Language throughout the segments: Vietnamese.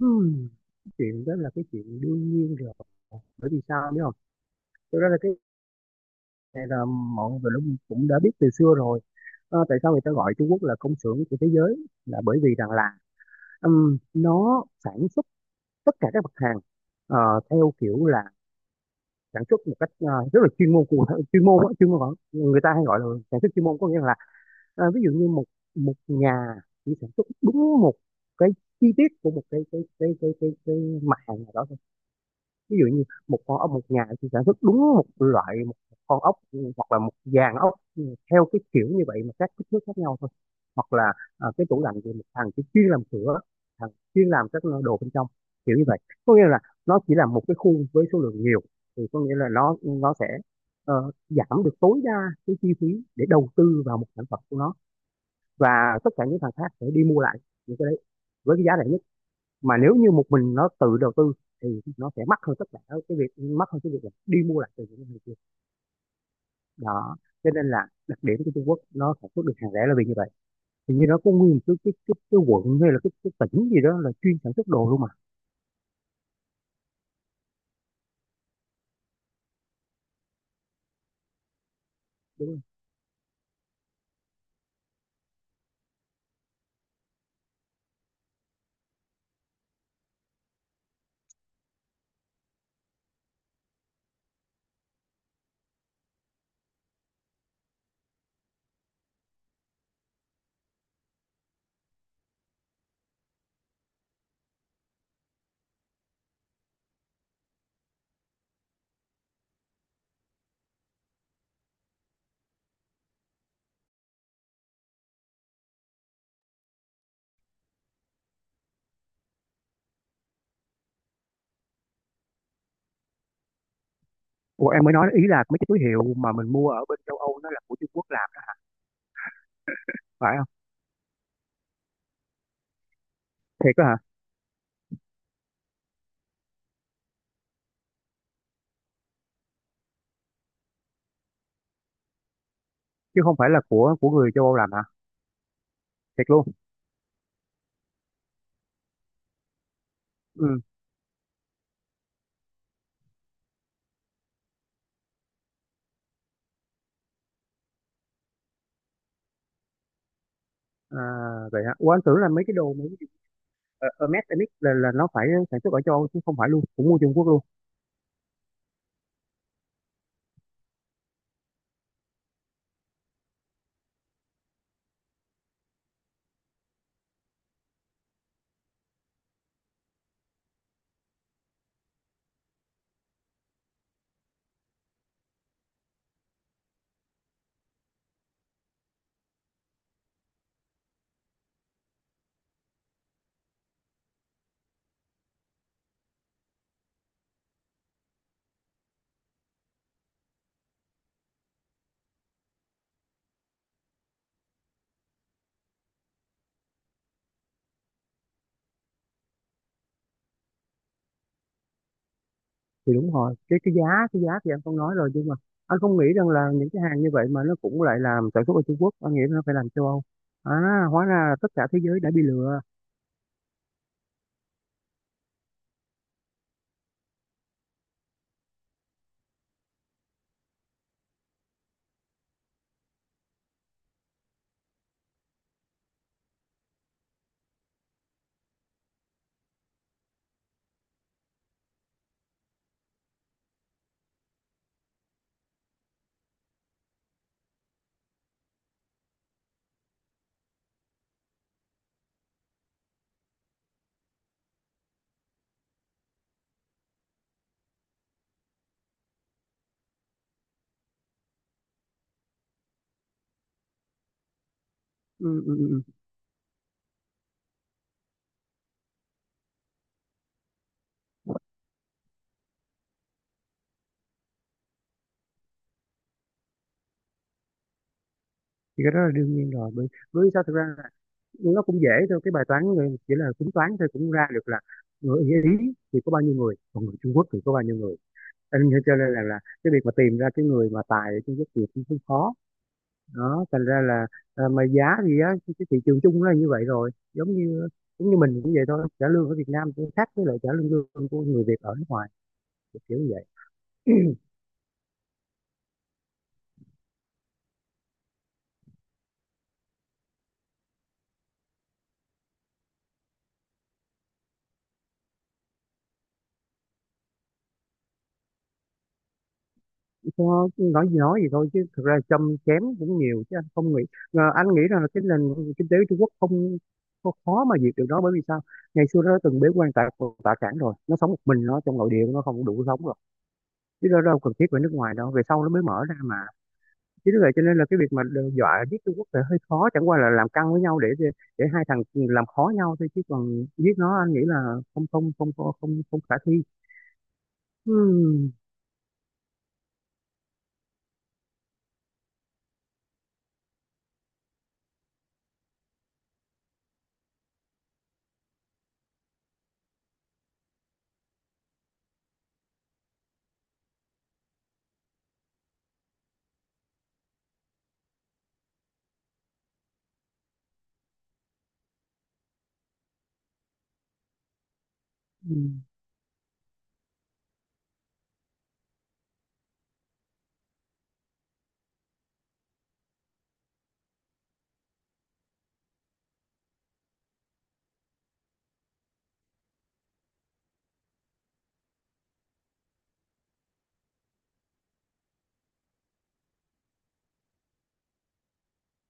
Hmm, Chuyện đó là cái chuyện đương nhiên rồi, bởi vì sao biết không, thực ra là cái này là mọi người cũng cũng đã biết từ xưa rồi. Ờ, tại sao người ta gọi Trung Quốc là công xưởng của thế giới là bởi vì rằng là nó sản xuất tất cả các mặt hàng, ờ, theo kiểu là sản xuất một cách rất là chuyên môn. Chuyên môn, chuyên môn vẫn người ta hay gọi là sản xuất chuyên môn, có nghĩa là, ví dụ như một một nhà chỉ sản xuất đúng một cái chi tiết của một cái mặt hàng nào đó thôi. Ví dụ như một con ốc, một nhà chỉ sản xuất đúng một loại, một con ốc, hoặc là một dàn ốc, ừ, theo cái kiểu như vậy mà các kích thước khác nhau thôi. Hoặc là à, cái tủ lạnh thì một thằng chỉ chuyên làm sữa, thằng chuyên làm các đồ bên trong, kiểu như vậy. Có nghĩa là nó chỉ là một cái khu với số lượng nhiều, thì có nghĩa là nó sẽ giảm được tối đa cái chi phí để đầu tư vào một sản phẩm của nó, và tất cả những thằng khác sẽ đi mua lại những cái đấy với cái giá rẻ nhất. Mà nếu như một mình nó tự đầu tư thì nó sẽ mắc hơn tất cả, cái việc mắc hơn cái việc là đi mua lại từ những người kia. Đó, cho nên là đặc điểm của Trung Quốc nó sản xuất được hàng rẻ là vì như vậy. Hình như nó có nguyên một cái quận hay là cái tỉnh gì đó là chuyên sản xuất đồ luôn mà, đúng không? Ủa, em mới nói ý là mấy cái túi hiệu mà mình mua ở bên châu Âu nó là của Trung Quốc làm đó phải không? Thiệt đó hả? Chứ không phải là của người châu Âu làm hả? Thiệt luôn? Ừ, à, vậy hả? Ủa anh tưởng là mấy cái đồ mấy cái, ở, Hermes, Hermes là nó phải sản xuất ở châu Âu chứ, không phải luôn cũng mua Trung Quốc luôn. Thì đúng rồi, cái giá, cái giá thì anh không nói rồi, nhưng mà anh không nghĩ rằng là những cái hàng như vậy mà nó cũng lại làm sản xuất ở Trung Quốc, anh nghĩ nó phải làm châu Âu. À, hóa ra là tất cả thế giới đã bị lừa. Ừ, ừ, ừ. Ừ. Thì cái đó là đương nhiên rồi, bởi bởi vì sao, thực ra là nó cũng dễ thôi, cái bài toán chỉ là tính toán thôi cũng ra được là người Ý thì có bao nhiêu người, còn người Trung Quốc thì có bao nhiêu người. Anh nên cho nên là cái việc mà tìm ra cái người mà tài ở Trung Quốc thì cũng không khó. Đó, thành ra là à, mà giá thì giá cái thị trường chung nó là như vậy rồi, giống như mình cũng vậy thôi, trả lương ở Việt Nam cũng khác với lại trả lương lương của người Việt ở nước ngoài, kiểu kiểu như vậy. Nó- nói gì thôi chứ thực ra châm chém cũng nhiều chứ, anh không nghĩ, à, anh nghĩ rằng là cái nền kinh tế Trung Quốc không có khó mà diệt được nó, bởi vì sao, ngày xưa nó từng bế quan tại tạ cảng rồi, nó sống một mình nó trong nội địa nó không đủ sống rồi, chứ nó đâu cần thiết phải nước ngoài đâu, về sau nó mới mở ra mà. Chứ vì vậy cho nên là cái việc mà đe dọa giết Trung Quốc là hơi khó, chẳng qua là làm căng với nhau để hai thằng làm khó nhau thôi, chứ còn giết nó anh nghĩ là không không không không không, không khả thi. Ừm, ừm,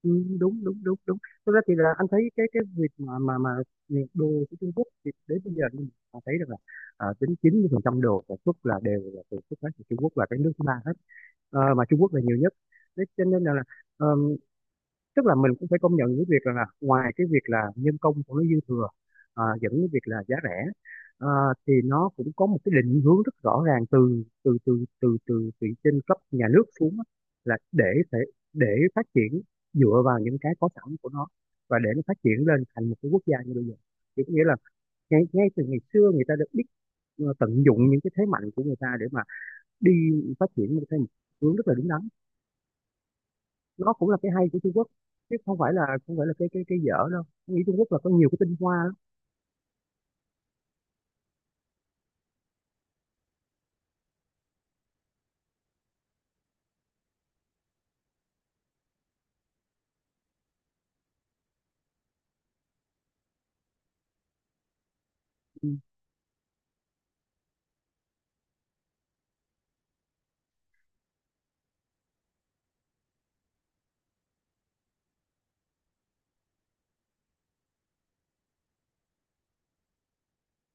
đúng đúng đúng đúng. Thực ra thì là anh thấy cái việc mà mà việc đồ của Trung Quốc thì đến bây giờ mình thấy được là à, đến 90% đồ sản xuất là đều là từ xuất phát từ Trung Quốc và cái nước thứ ba hết. Ờ, mà Trung Quốc là nhiều nhất. Thế cho nên là tức là mình cũng phải công nhận cái việc là ngoài cái việc là nhân công của nó dư thừa, à, dẫn cái việc là giá rẻ, à, thì nó cũng có một cái định hướng rất rõ ràng từ từ từ từ từ từ trên cấp nhà nước xuống á, là để thể để phát triển dựa vào những cái có sẵn của nó, và để nó phát triển lên thành một cái quốc gia như bây giờ. Thì có nghĩa là ngay ngay từ ngày xưa người ta đã biết tận dụng những cái thế mạnh của người ta để mà đi phát triển một cái hướng rất là đúng đắn. Nó cũng là cái hay của Trung Quốc, chứ không phải là không phải là cái dở đâu. Tôi nghĩ Trung Quốc là có nhiều cái tinh hoa lắm. Ừ.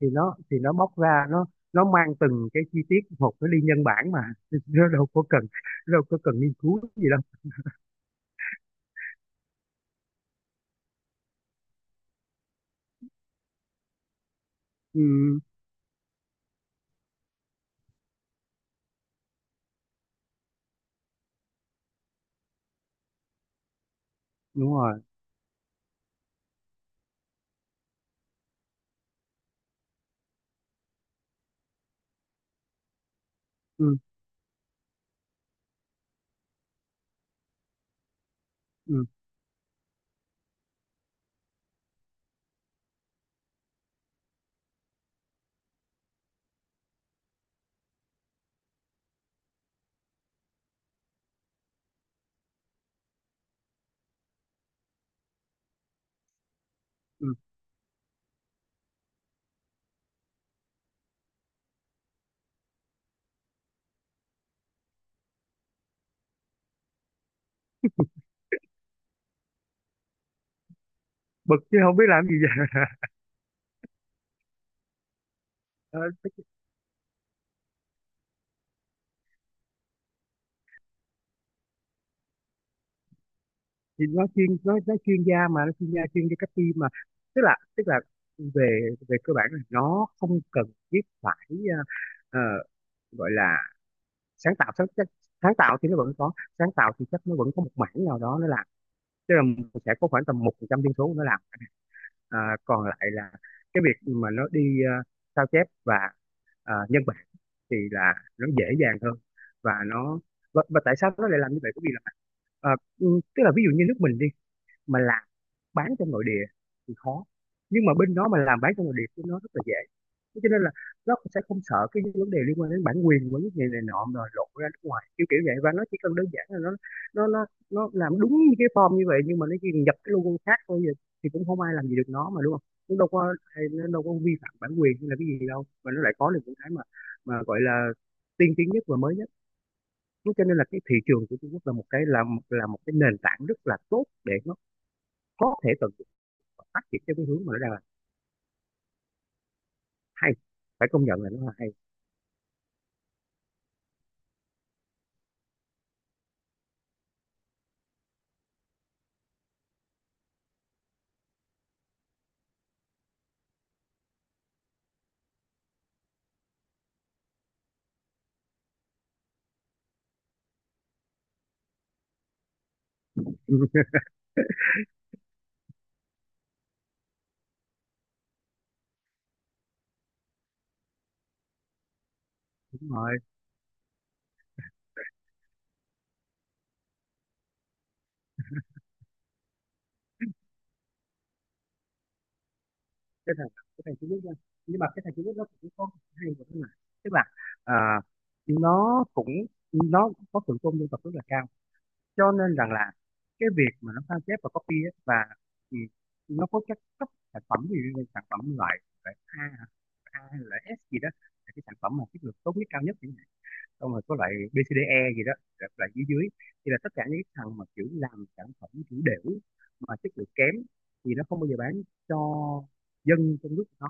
Thì nó bóc ra, nó mang từng cái chi tiết một nó đi nhân bản mà. Nó đâu có cần, đâu có cần nghiên cứu gì đâu. Ừ, đúng rồi. Ừ, ừ, ừ. Bực chứ không biết làm gì vậy. Ờ, tức- thì nó chuyên nó chuyên gia mà, nó chuyên gia chuyên cho các team mà, tức là về về cơ bản là nó không cần thiết phải ờ, gọi là sáng tạo sáng tạo thì nó vẫn có, sáng tạo thì chắc nó vẫn có một mảng nào đó nó làm. Tức là sẽ có khoảng tầm 1% dân số nó làm. À, còn lại là cái việc mà nó đi sao chép và nhân bản thì là nó dễ dàng hơn. Và nó và tại sao nó lại làm như vậy, bởi vì là, ờ, ừ, tức là ví dụ như nước mình đi mà làm bán trong nội địa thì khó, nhưng mà bên đó mà làm bán trong nội địa thì nó rất là dễ. Thế cho nên là nó sẽ không sợ cái vấn đề liên quan đến bản quyền của những người này nọ rồi lộ ra nước ngoài kiểu kiểu vậy, và nó chỉ cần đơn giản là nó làm đúng như cái form như vậy, nhưng mà nó chỉ nhập cái logo khác thôi, vậy thì cũng không ai làm gì được nó mà, đúng không. Nó đâu có, nó đâu có vi phạm bản quyền hay là cái gì đâu, mà nó lại có được những cái mà gọi là tiên tiến nhất và mới nhất. Thế cho nên là cái thị trường của Trung Quốc là một cái nền tảng rất là tốt để nó có thể tận phát triển theo cái hướng mà nó đang là. Hay, phải công nhận là nó là hay. Đúng rồi. Cái thằng cái thằng Trung Quốc nha, nhưng mà cái thằng Trung Quốc nó cũng có hay một cái là, tức là à, nó cũng, nó có thượng tôn dân tộc rất là cao, cho nên rằng là cái việc mà nó sao chép và copy á, và, ừ, nó có các cấp sản phẩm gì như sản phẩm loại loại A, A hay là S gì đó, là cái sản phẩm mà chất lượng tốt nhất cao nhất chẳng hạn. Xong rồi có loại bê xê đê E gì đó, loại loại dưới dưới, thì là tất cả những cái thằng mà kiểu làm sản phẩm kiểu đểu mà chất lượng kém thì nó không bao giờ bán cho dân trong nước của nó.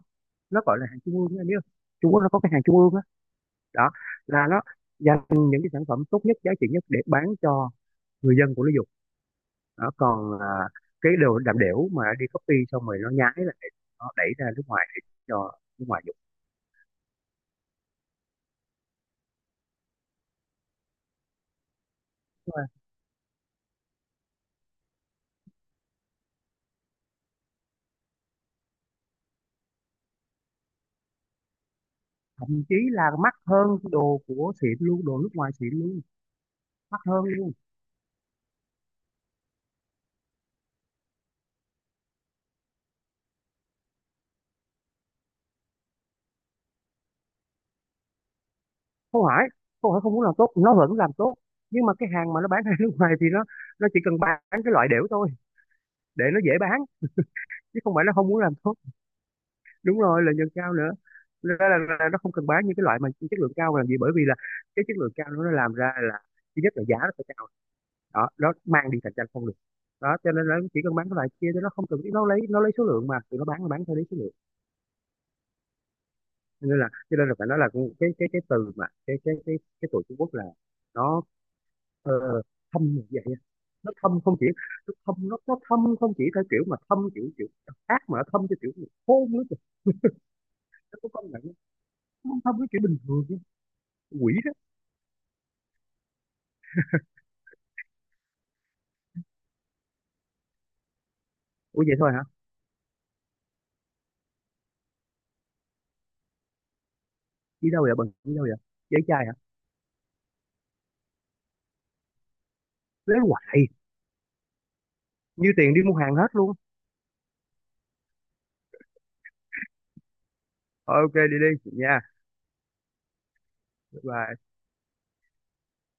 Nó gọi là hàng trung ương, anh biết không, Trung Quốc nó có cái hàng trung ương á. Đó. Là nó dành những cái sản phẩm tốt nhất giá trị nhất để bán cho người dân của nó dùng. Đó còn à, cái đồ làm đểu mà đi copy xong rồi nó nhái lại, nó đẩy ra nước ngoài để cho nước ngoài dùng. Thậm chí là mắc hơn cái đồ của xịn luôn, đồ nước ngoài xịn luôn. Mắc hơn luôn. Không phải, không phải không muốn làm tốt, nó vẫn làm tốt, nhưng mà cái hàng mà nó bán ra nước ngoài thì nó chỉ cần bán cái loại đểu thôi để nó dễ bán, chứ không phải nó không muốn làm tốt. Đúng rồi, lợi nhuận cao nữa. Nên là nó không cần bán những cái loại mà chất lượng cao làm gì, bởi vì là cái chất lượng cao nó làm ra là thứ nhất là giá nó phải cao. Đó, nó mang đi cạnh tranh không được. Đó cho nên là nó chỉ cần bán cái loại kia chứ nó không cần biết, nó lấy số lượng, mà tụi nó bán là bán theo lấy số lượng. Cho nên là phải nói là cái từ mà cái tụi Trung Quốc là nó ờ, thâm như vậy á. Nó thâm không chỉ, nó thâm không chỉ theo kiểu mà thâm kiểu kiểu ác, mà nó thâm theo kiểu mà khôn nữa kìa. Nó có công nhận không? Nó không thâm cái kiểu bình thường chứ. Quỷ đó. Ủa vậy thôi hả? Đi đâu vậy, bằng đi đâu vậy? Dễ trai hả? Lấy hoài, như tiền đi mua hàng hết luôn. Thôi ok đi đi nha. Bye bye.